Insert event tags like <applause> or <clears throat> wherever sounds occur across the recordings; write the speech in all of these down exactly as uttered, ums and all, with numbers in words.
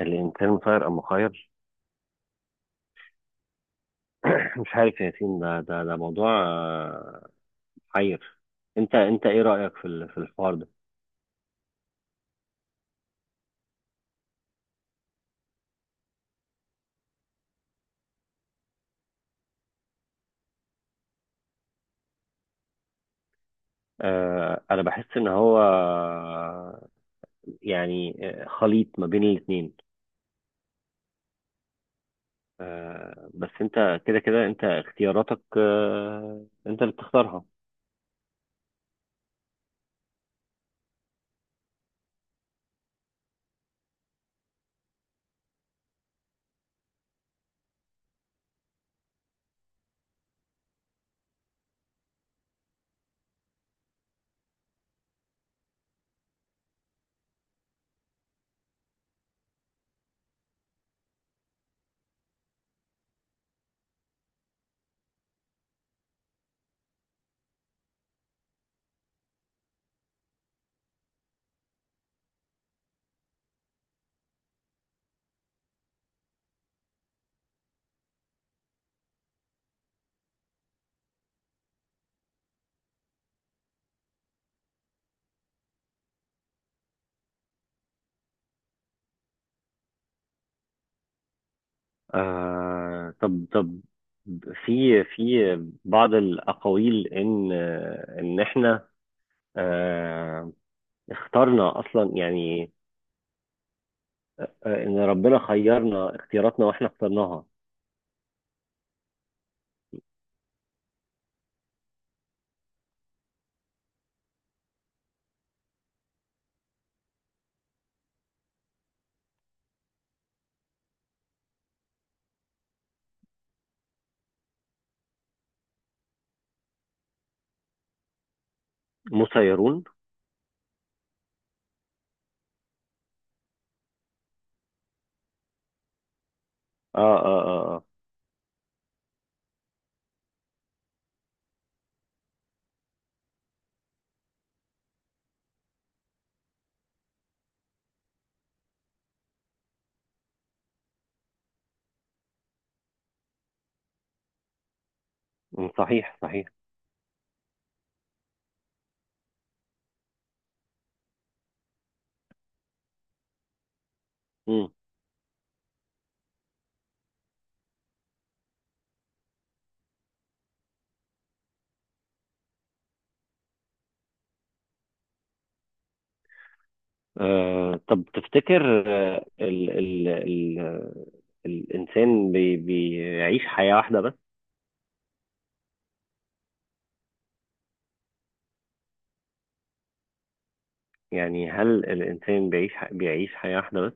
الإنسان مسير أم مخير. <clears throat> مش عارف يا ياسين، ده ده ده موضوع آه، حير. أنت أنت إيه رأيك في ال- في الحوار ده؟ آه، أنا بحس إن هو، آه، يعني آه، خليط ما بين الاتنين. آه، بس أنت كده كده أنت اختياراتك، آه، أنت اللي بتختارها. آه، طب طب، في في بعض الأقاويل إن آه، إن إحنا آه، اخترنا أصلا، يعني آه، ان ربنا خيرنا اختياراتنا واحنا اخترناها مسيرون. اه، اه، اه، آه. مم، صحيح صحيح. مم. آه، طب تفتكر آه ال ال ال الانسان بي بيعيش حياة واحدة بس؟ يعني هل الانسان بيعيش ح- بيعيش حياة واحدة بس؟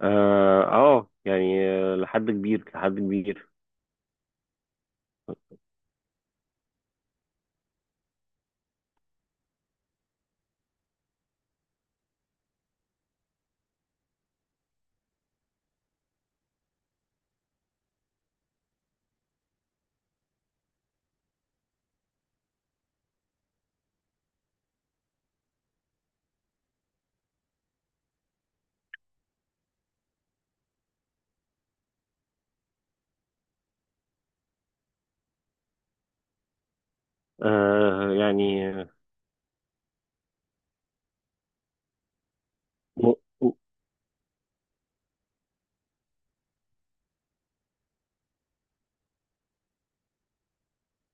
اه، آه يعني، آه، لحد كبير لحد كبير. آه يعني آه، م م-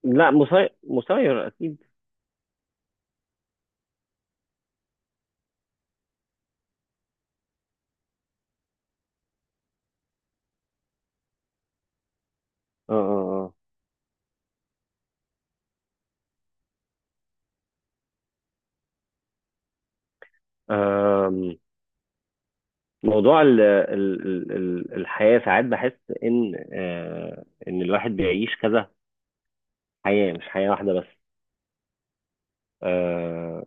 لا، مسير مسير اكيد. اه، اه. آه. آم، موضوع ال ال ال ال- الحياة، ساعات بحس إن آه، إن الواحد بيعيش كذا حياة، مش حياة واحدة بس. آه،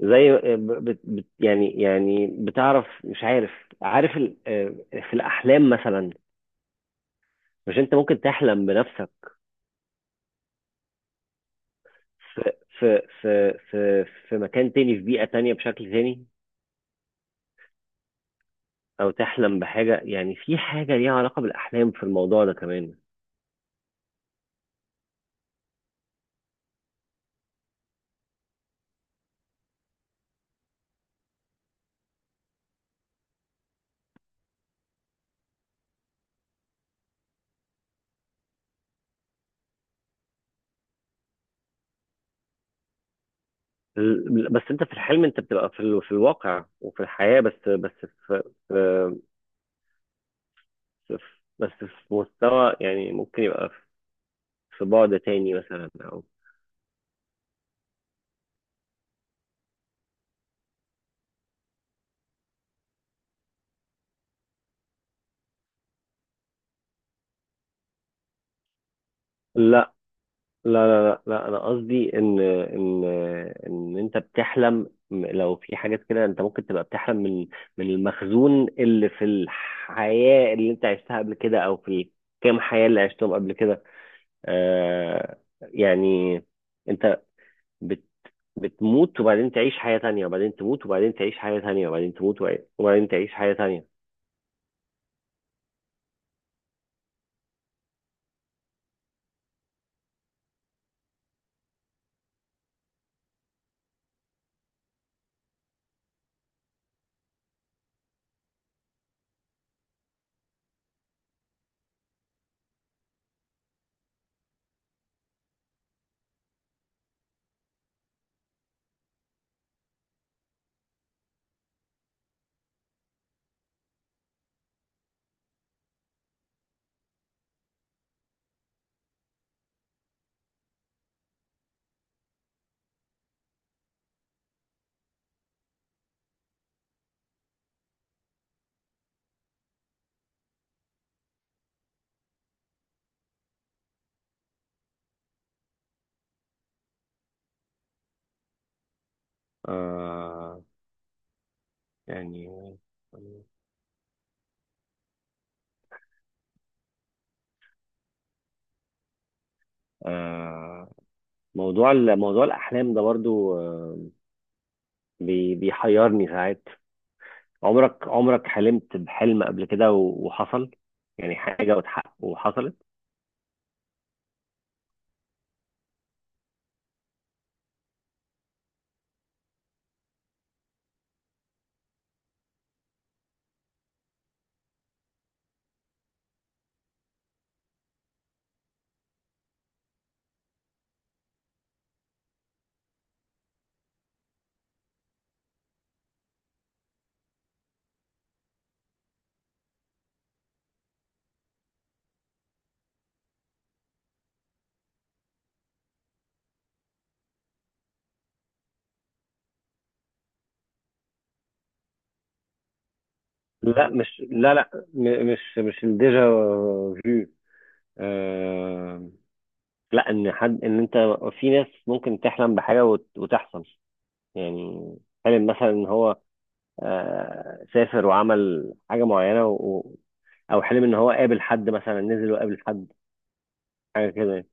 زي آه، ب- بت بت- يعني يعني بتعرف، مش عارف، عارف ال- آه، في الأحلام مثلا، مش أنت ممكن تحلم بنفسك في في في في في مكان تاني، في بيئة تانية، بشكل تاني، أو تحلم بحاجة، يعني في حاجة ليها علاقة بالأحلام في الموضوع ده كمان. ال- بس انت في الحلم انت بتبقى في ال... في الواقع وفي الحياة. بس بس في... في... في... بس في مستوى، يعني ممكن يبقى في بعد تاني مثلا او لا لا لا لا, لا، انا قصدي ان ان ان انت بتحلم، م- لو في حاجات كده انت ممكن تبقى بتحلم من من المخزون اللي في الحياة اللي انت عشتها قبل كده، او في الكام حياة اللي عشتهم قبل كده. آه، يعني انت بت... بتموت وبعدين تعيش حياة تانية، وبعدين تموت وبعدين تعيش حياة تانية، وبعدين تموت وبعدين, وبعدين تعيش حياة تانية. آه... يعني آه... موضوع ال... موضوع الأحلام ده برضو آه... بي... بيحيرني ساعات. عمرك عمرك حلمت بحلم قبل كده و... وحصل؟ يعني حاجة وتحقق وحصلت؟ لا مش لا لا م... مش مش الديجا فيو. آه... لا، ان حد ان انت، في ناس ممكن تحلم بحاجه وت- وتحصل. يعني حلم مثلا ان هو آه، سافر وعمل حاجه معينه، و... و- او حلم ان هو قابل حد، مثلا نزل وقابل حد، حاجه كده يعني.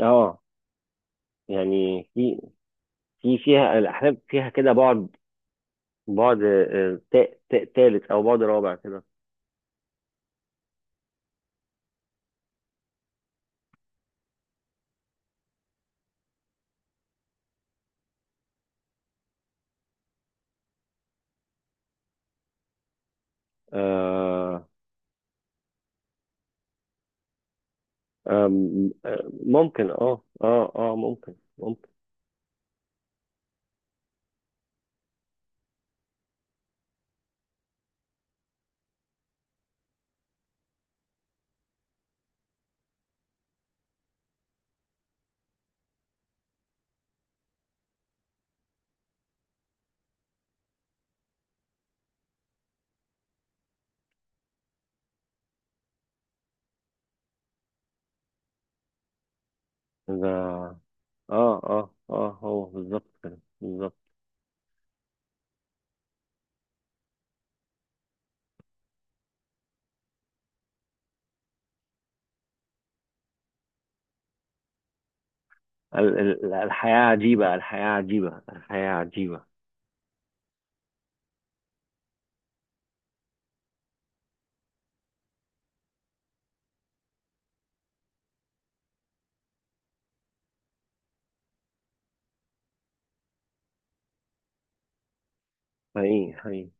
اه، يعني في في فيها الاحلام فيها كده بعد بعد آه، تا- تا- تالت او بعد رابع كده. آه، آم، آه، ممكن، اه اه اه ممكن ممكن. ده اه، اه، اه، هو بالظبط كده، بالظبط. ال- ال- الحياة عجيبة، الحياة عجيبة، الحياة عجيبة. حقيقي حقيقي.